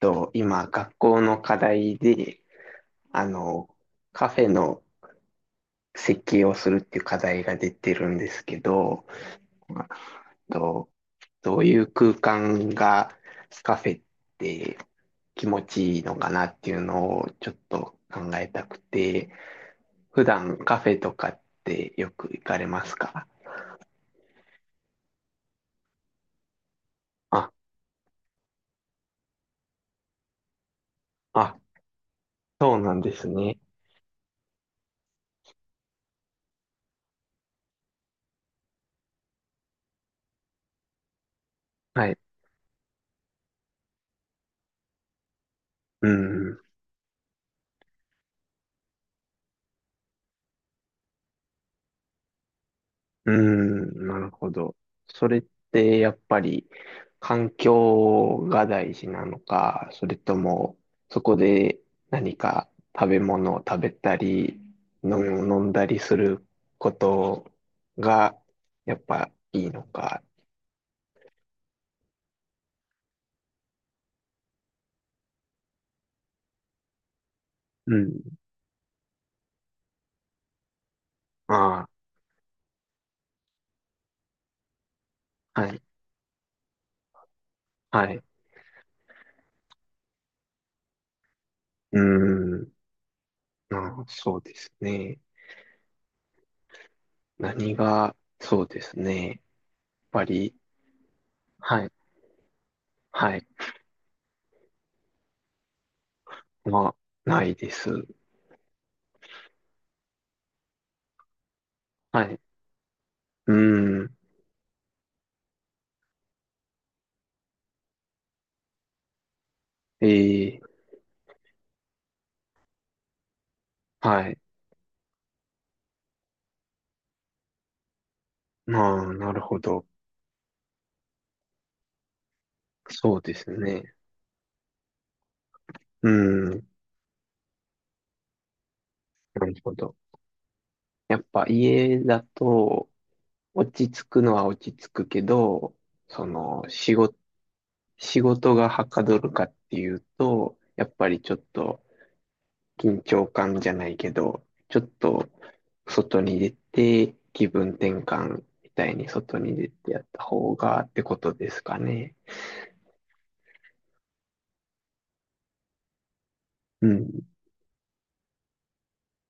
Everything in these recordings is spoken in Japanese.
と、今、学校の課題で、あの、カフェの設計をするっていう課題が出てるんですけど、あと、どういう空間がカフェって気持ちいいのかなっていうのをちょっと考えたくて、普段カフェとかってよく行かれますか？あ、あ、そうなんですね。はい。うん。うーん、なるほど。それってやっぱり環境が大事なのか、それともそこで何か食べ物を食べたり、飲み物飲んだりすることがやっぱいいのか。うん。ああ、はい、はい。うーん、ああ、そうですね。何が、そうですね。やっぱり、はい、はい。まあ、ないです。はい。うーん。ええ、はい。まあ、なるほど。そうですね。うん、なるほど。やっぱ家だと、落ち着くのは落ち着くけど、その、仕事、仕事がはかどるかっていうと、やっぱりちょっと緊張感じゃないけど、ちょっと外に出て気分転換みたいに外に出てやった方がってことですかね。うん、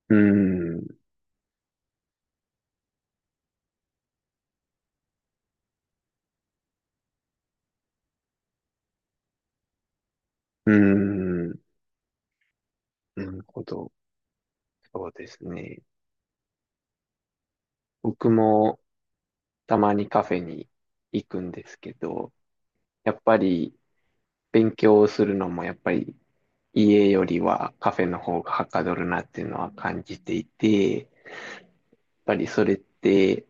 うん、うん、なるほど。そうですね。僕もたまにカフェに行くんですけど、やっぱり勉強をするのもやっぱり家よりはカフェの方がはかどるなっていうのは感じていて、やっぱりそれって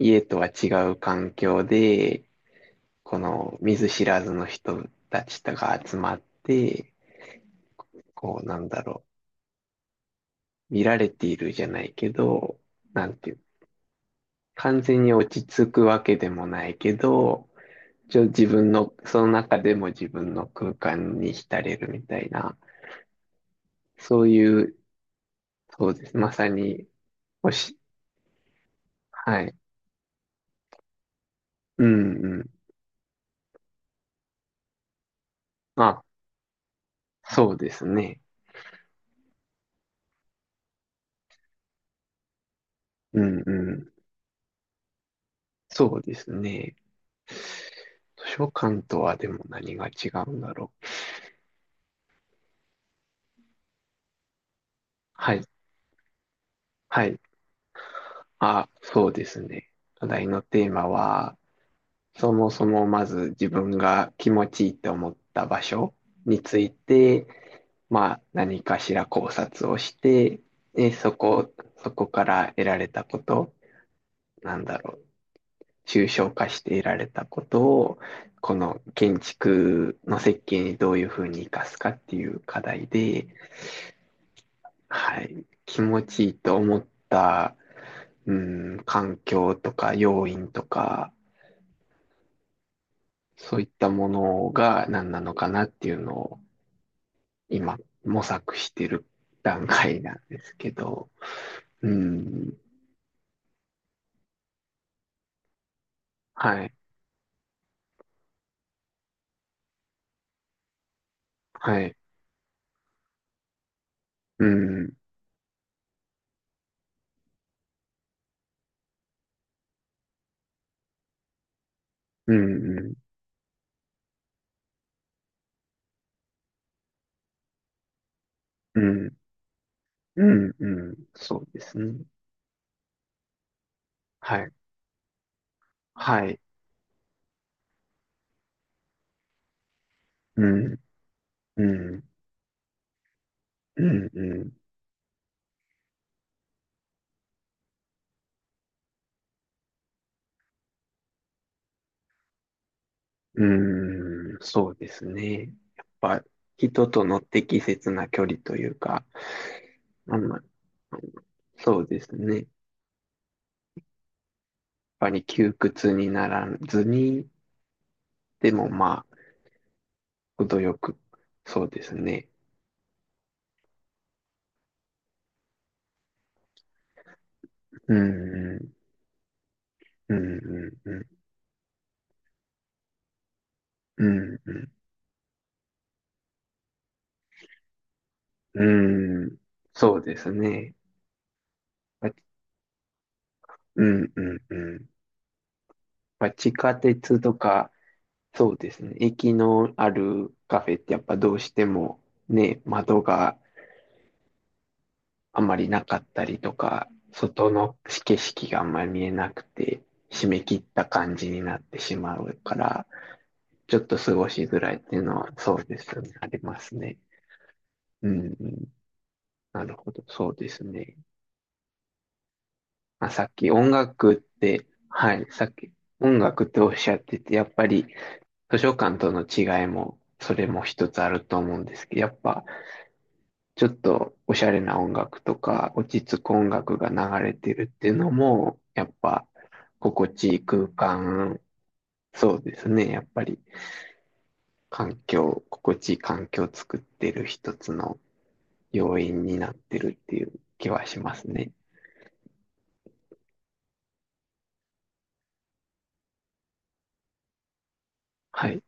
家とは違う環境で、この見ず知らずの人たちとが集まって、こうなんだろう、見られているじゃないけど、なんていう、完全に落ち着くわけでもないけど、一応自分の、その中でも自分の空間に浸れるみたいな、そういう、そうです。まさに、おし、はい。うんうん。まあ、そうですね。うんうん。そうですね。図書館とはでも何が違うんだろう。はい。はい。あ、そうですね。課題のテーマは、そもそもまず自分が気持ちいいと思った場所について、まあ、何かしら考察をして、で、そこから得られたこと、なんだろう、抽象化して得られたことを、この建築の設計にどういうふうに生かすかっていう課題で、はい、気持ちいいと思った、うん、環境とか要因とか、そういったものが何なのかなっていうのを今模索してる段階なんですけど、うん、はい、はい。うん、うん、うん、うん、うん、そうですね。はい、はい、うん、うん、うん、うん、うん、そうですね。やっぱ、人との適切な距離というか、あんま、そうですね。やっぱり窮屈にならずに、でもまあ、程よく、そうですね。うん、うん、うん、うん、うん、うん、うんそうですね。うん、うん、うん。まあ、地下鉄とか、そうですね。駅のあるカフェってやっぱどうしてもね、窓があまりなかったりとか、外の景色があんまり見えなくて、締め切った感じになってしまうから、ちょっと過ごしづらいっていうのはそうですね。ありますね。うん、うん。なるほど。そうですね。まあ、さっき音楽って、はい、さっき音楽っておっしゃってて、やっぱり図書館との違いも、それも一つあると思うんですけど、やっぱ、ちょっとおしゃれな音楽とか、落ち着く音楽が流れてるっていうのも、やっぱ、心地いい空間、そうですね、やっぱり、心地いい環境を作ってる一つの要因になってるっていう気はしますね。はい。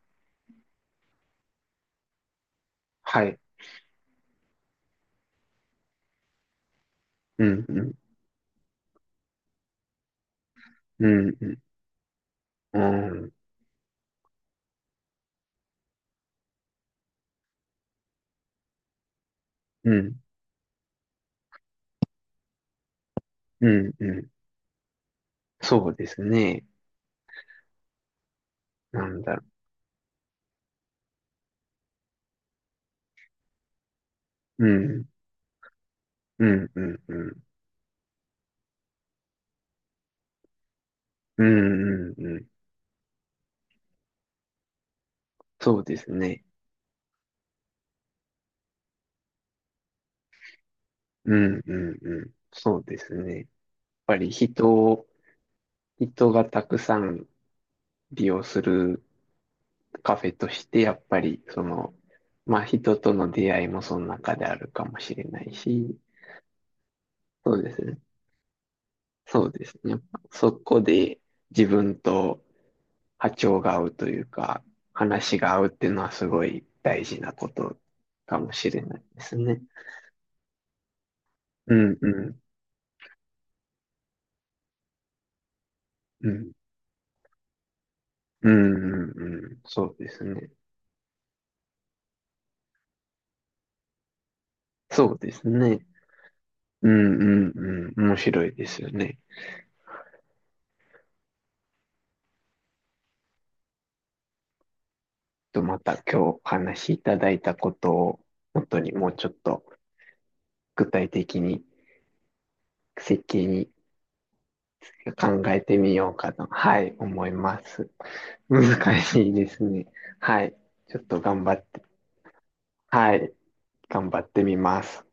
はい。うん、うん、うん、うん、うん、うん、うん。うんそうですね。なんだろう。うん、うん、うん、うん。うんうんうん。そうですね。うんうんうん。そうですね。やっぱり人がたくさん利用するカフェとして、やっぱりまあ人との出会いもその中であるかもしれないし、そうですね。そうですね。そこで自分と波長が合うというか、話が合うっていうのはすごい大事なことかもしれないですね。うんうん。うんうんうんうん、そうですね。そうですね。うんうんうん。面白いですよね。と、また今日お話しいただいたことを、本当にもうちょっと具体的に設計に考えてみようかと、はい、思います。難しいですね。はい。ちょっと頑張って、はい、頑張ってみます。